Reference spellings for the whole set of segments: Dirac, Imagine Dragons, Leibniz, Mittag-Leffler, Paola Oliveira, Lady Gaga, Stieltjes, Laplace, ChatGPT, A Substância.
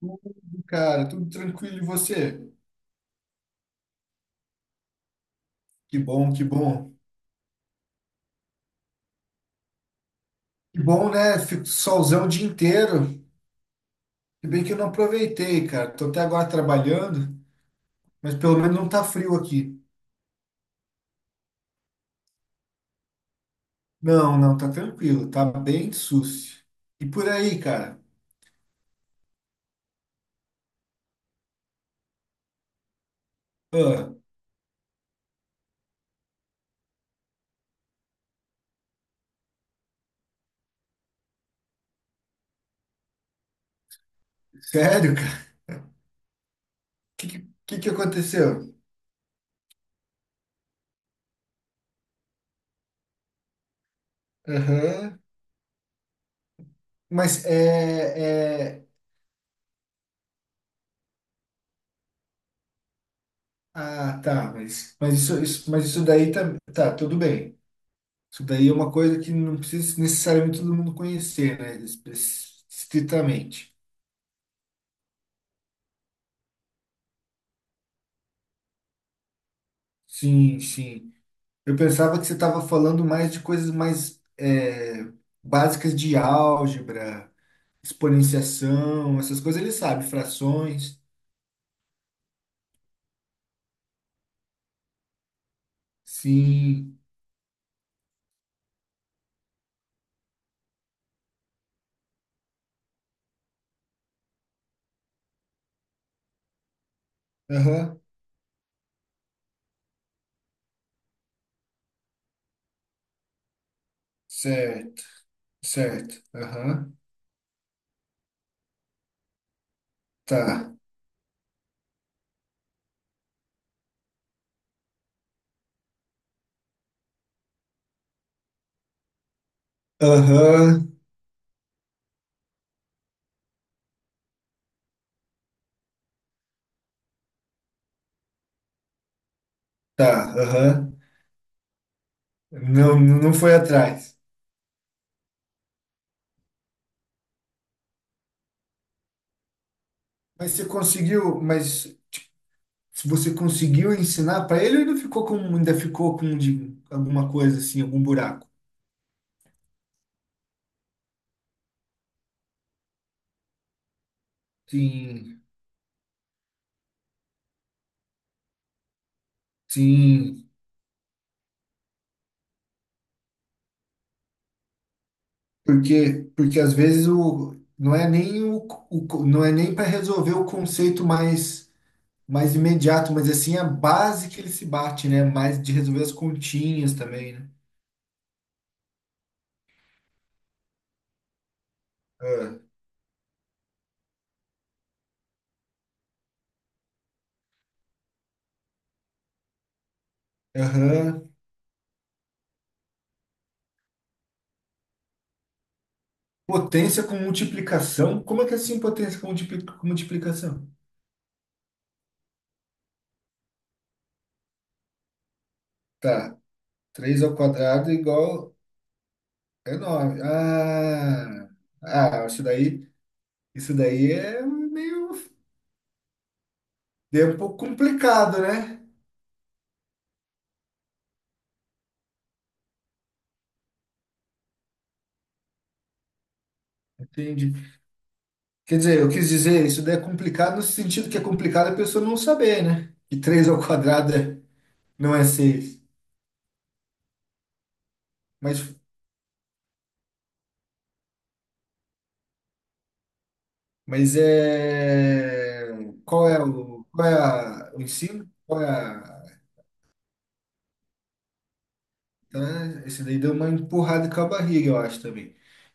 Tudo. Cara, tudo tranquilo, e você? Que bom, que bom. Que bom, né? Fico solzão o dia inteiro. Se bem que eu não aproveitei, cara. Tô até agora trabalhando, mas pelo menos não tá frio aqui. Não, não, tá tranquilo, tá bem sucio. E por aí, cara? Ah, sério, cara? O que que aconteceu? Aham. Mas é. Ah, tá, isso, isso daí tá, tá, tudo bem. Isso daí é uma coisa que não precisa necessariamente todo mundo conhecer, né? Estritamente. Sim, sim. Eu pensava que você estava falando mais de coisas mais básicas de álgebra, exponenciação, essas coisas ele sabe, frações. Sim. Aham. Certo, certo. Aham. Tá. Aham. Tá. Aham. Não, não foi atrás. Mas você conseguiu, mas Se você conseguiu ensinar para ele, ou ainda alguma coisa assim, algum buraco. Sim, sim, porque às vezes o não é nem o, não é nem para resolver o conceito mais imediato, mas assim a base que ele se bate, né? Mais de resolver as continhas também, né? Ah. Aham. Potência com multiplicação. Como é que é assim potência com multiplicação? Tá. Três ao quadrado é igual É nome. Ah, isso daí, isso daí é meio, é um pouco complicado, né? Entendi. Quer dizer, eu quis dizer, isso daí é complicado no sentido que é complicado a pessoa não saber, né? Que 3 ao quadrado não é seis. Mas, mas é. Qual é o, qual é a- o ensino? Qual é a. Então, esse daí deu uma empurrada com a barriga, eu acho também.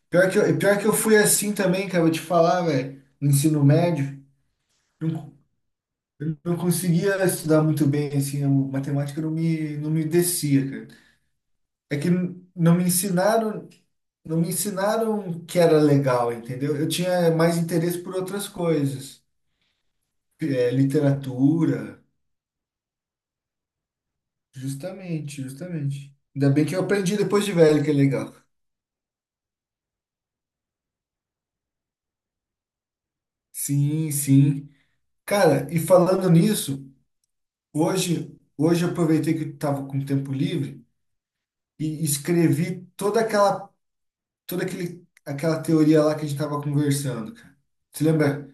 Pior que eu fui assim também, cara, eu vou te falar, velho, no ensino médio. Eu não conseguia estudar muito bem, assim, a matemática não me descia, cara. É que não me ensinaram que era legal, entendeu? Eu tinha mais interesse por outras coisas, literatura, justamente, justamente. Ainda bem que eu aprendi depois de velho que é legal. Sim, sim. Cara, e falando nisso, hoje eu aproveitei que eu tava com tempo livre e escrevi toda aquela aquela teoria lá que a gente estava conversando, cara. Você lembra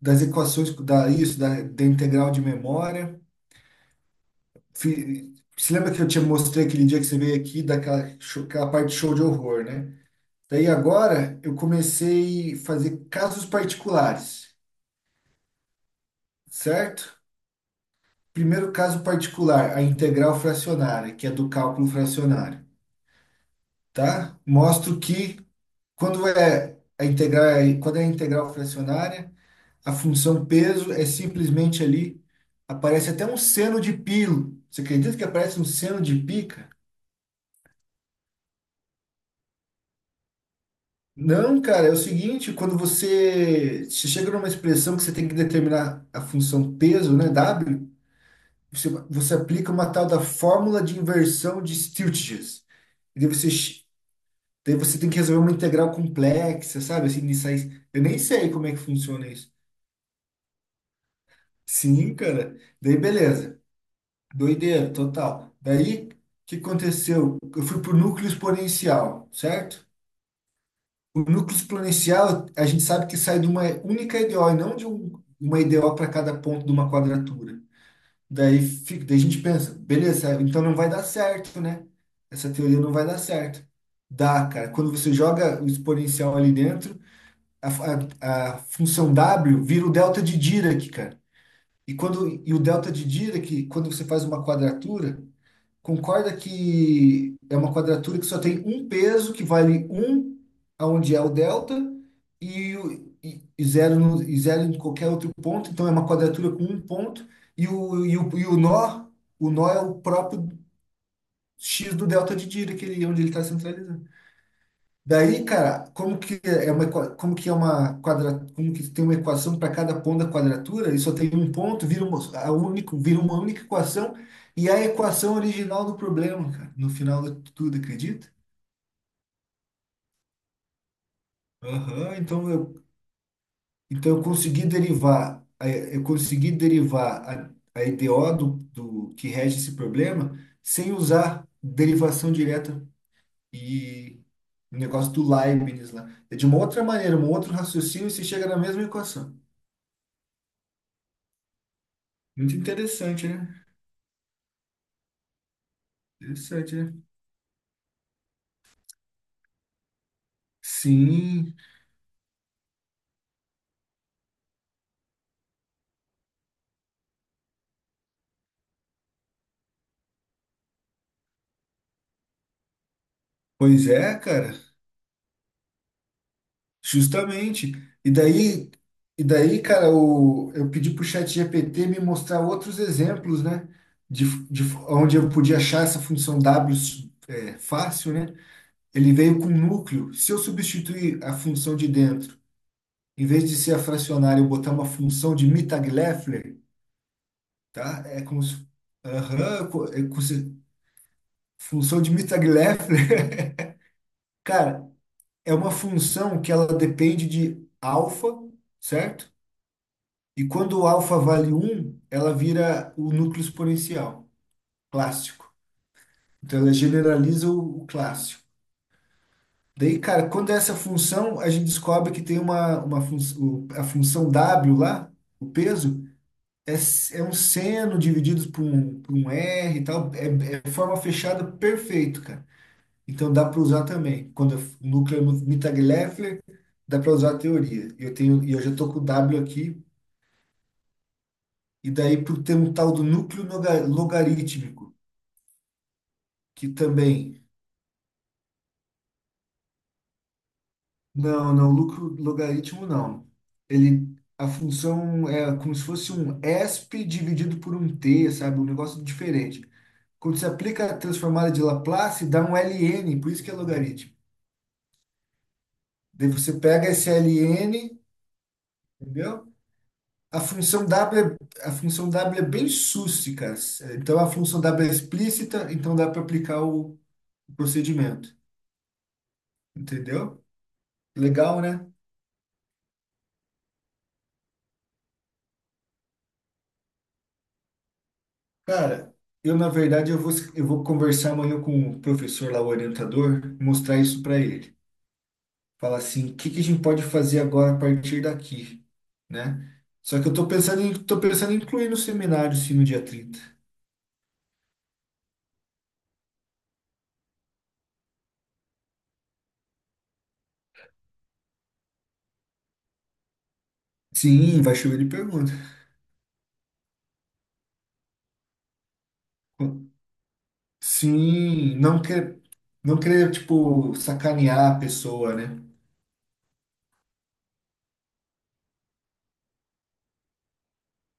das equações, da integral de memória? Você lembra que eu te mostrei aquele dia que você veio aqui, aquela parte show de horror, né? Daí agora eu comecei a fazer casos particulares, certo? Primeiro caso particular, a integral fracionária, que é do cálculo fracionário, tá? Mostro que quando é a integral, quando é a integral fracionária, a função peso é simplesmente ali. Aparece até um seno de pi. Você acredita que aparece um seno de pi, cara? Não, cara, é o seguinte, quando você chega numa expressão que você tem que determinar a função peso, né, W, você aplica uma tal da fórmula de inversão de Stieltjes. E daí você tem que resolver uma integral complexa, sabe? Assim, nisso aí, eu nem sei como é que funciona isso. Sim, cara. Daí beleza. Doideira, total. Daí, o que aconteceu? Eu fui por núcleo exponencial, certo? O núcleo exponencial, a gente sabe que sai de uma única EDO, e não de uma EDO para cada ponto de uma quadratura. Daí, a gente pensa, beleza, então não vai dar certo, né? Essa teoria não vai dar certo. Dá, cara. Quando você joga o exponencial ali dentro, a, a função W vira o delta de Dirac, cara. E o delta de Dirac, quando você faz uma quadratura, concorda que é uma quadratura que só tem um peso, que vale um aonde é o delta, e, o- e, e zero no, e zero em qualquer outro ponto. Então é uma quadratura com um ponto, e o, e o nó é o próprio x do delta de Dirac, onde ele está centralizado. Daí, cara, como que tem uma equação para cada ponto da quadratura e só tem um ponto, vira uma única equação e é a equação original do problema, cara, no final de tudo, acredita? Aham, eu consegui derivar a EDO do que rege esse problema sem usar derivação direta e o negócio do Leibniz lá. É de uma outra maneira, um outro raciocínio e você chega na mesma equação. Muito interessante, né? Interessante, né? Sim, pois é, cara, justamente. E daí, e daí, cara, eu pedi pro ChatGPT me mostrar outros exemplos, né? De onde eu podia achar essa função W é, fácil, né? Ele veio com núcleo. Se eu substituir a função de dentro, em vez de ser a fracionária, eu botar uma função de Mittag-Leffler, tá? É como se. Aham, é como função de Mittag-Leffler. Cara, é uma função que ela depende de alfa, certo? E quando o alfa vale um, ela vira o núcleo exponencial clássico. Então ela generaliza o, clássico. Daí, cara, quando é essa função, a gente descobre que tem uma, a função W lá, o peso, é um seno dividido por um, R e tal. É forma fechada perfeito, cara. Então dá para usar também. Quando o núcleo é muito Mittag-Leffler, dá para usar a teoria. Eu tenho, e eu já estou com o W aqui. E daí por ter um tal do núcleo logarítmico, que também. Não, não, núcleo logaritmo não. Ele, a função é como se fosse um ESP dividido por um t, sabe? Um negócio diferente. Quando você aplica a transformada de Laplace, dá um ln, por isso que é logaritmo. Daí você pega esse ln, entendeu? A função W é bem sússica. Então, a função W é explícita, então dá para aplicar o procedimento. Entendeu? Legal, né? Cara, na verdade, eu vou conversar amanhã com o professor lá, o orientador, mostrar isso para ele. Falar assim, o que que a gente pode fazer agora a partir daqui, né? Só que eu tô pensando em incluir no seminário, sim, no dia 30. Sim, vai chover de pergunta. Sim, não querer, tipo, sacanear a pessoa, né?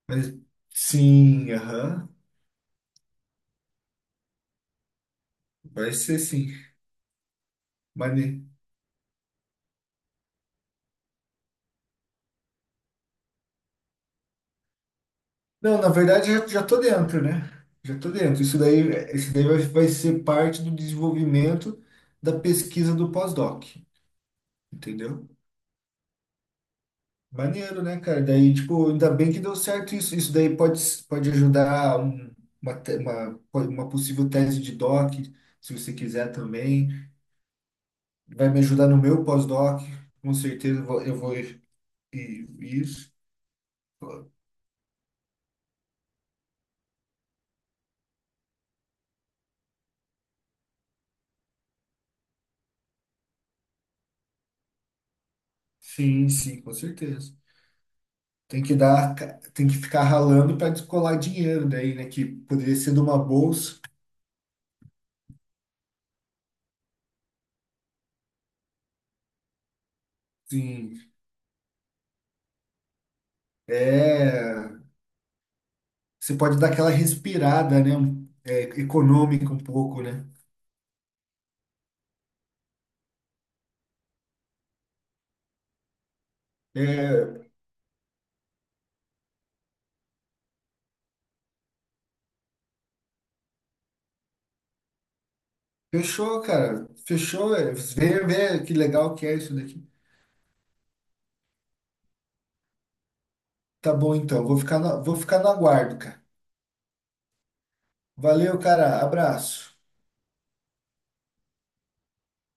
Mas sim, aham, vai ser sim. Mane... Não, na verdade já, já tô dentro, né? Já tô dentro. Isso daí vai ser parte do desenvolvimento da pesquisa do pós-doc, entendeu? Maneiro, né, cara? Daí, tipo, ainda bem que deu certo isso. Isso daí pode ajudar uma possível tese de doc, se você quiser também. Vai me ajudar no meu pós-doc, com certeza eu vou ir, isso. Sim, sim, com certeza. Tem que ficar ralando para descolar dinheiro daí, né? Que poderia ser de uma bolsa. Sim, é. Você pode dar aquela respirada, né? É, econômica um pouco, né? É, fechou, cara. Fechou. É, vê que legal que é isso daqui. Tá bom, então. Vou ficar no aguardo, cara. Valeu, cara. Abraço.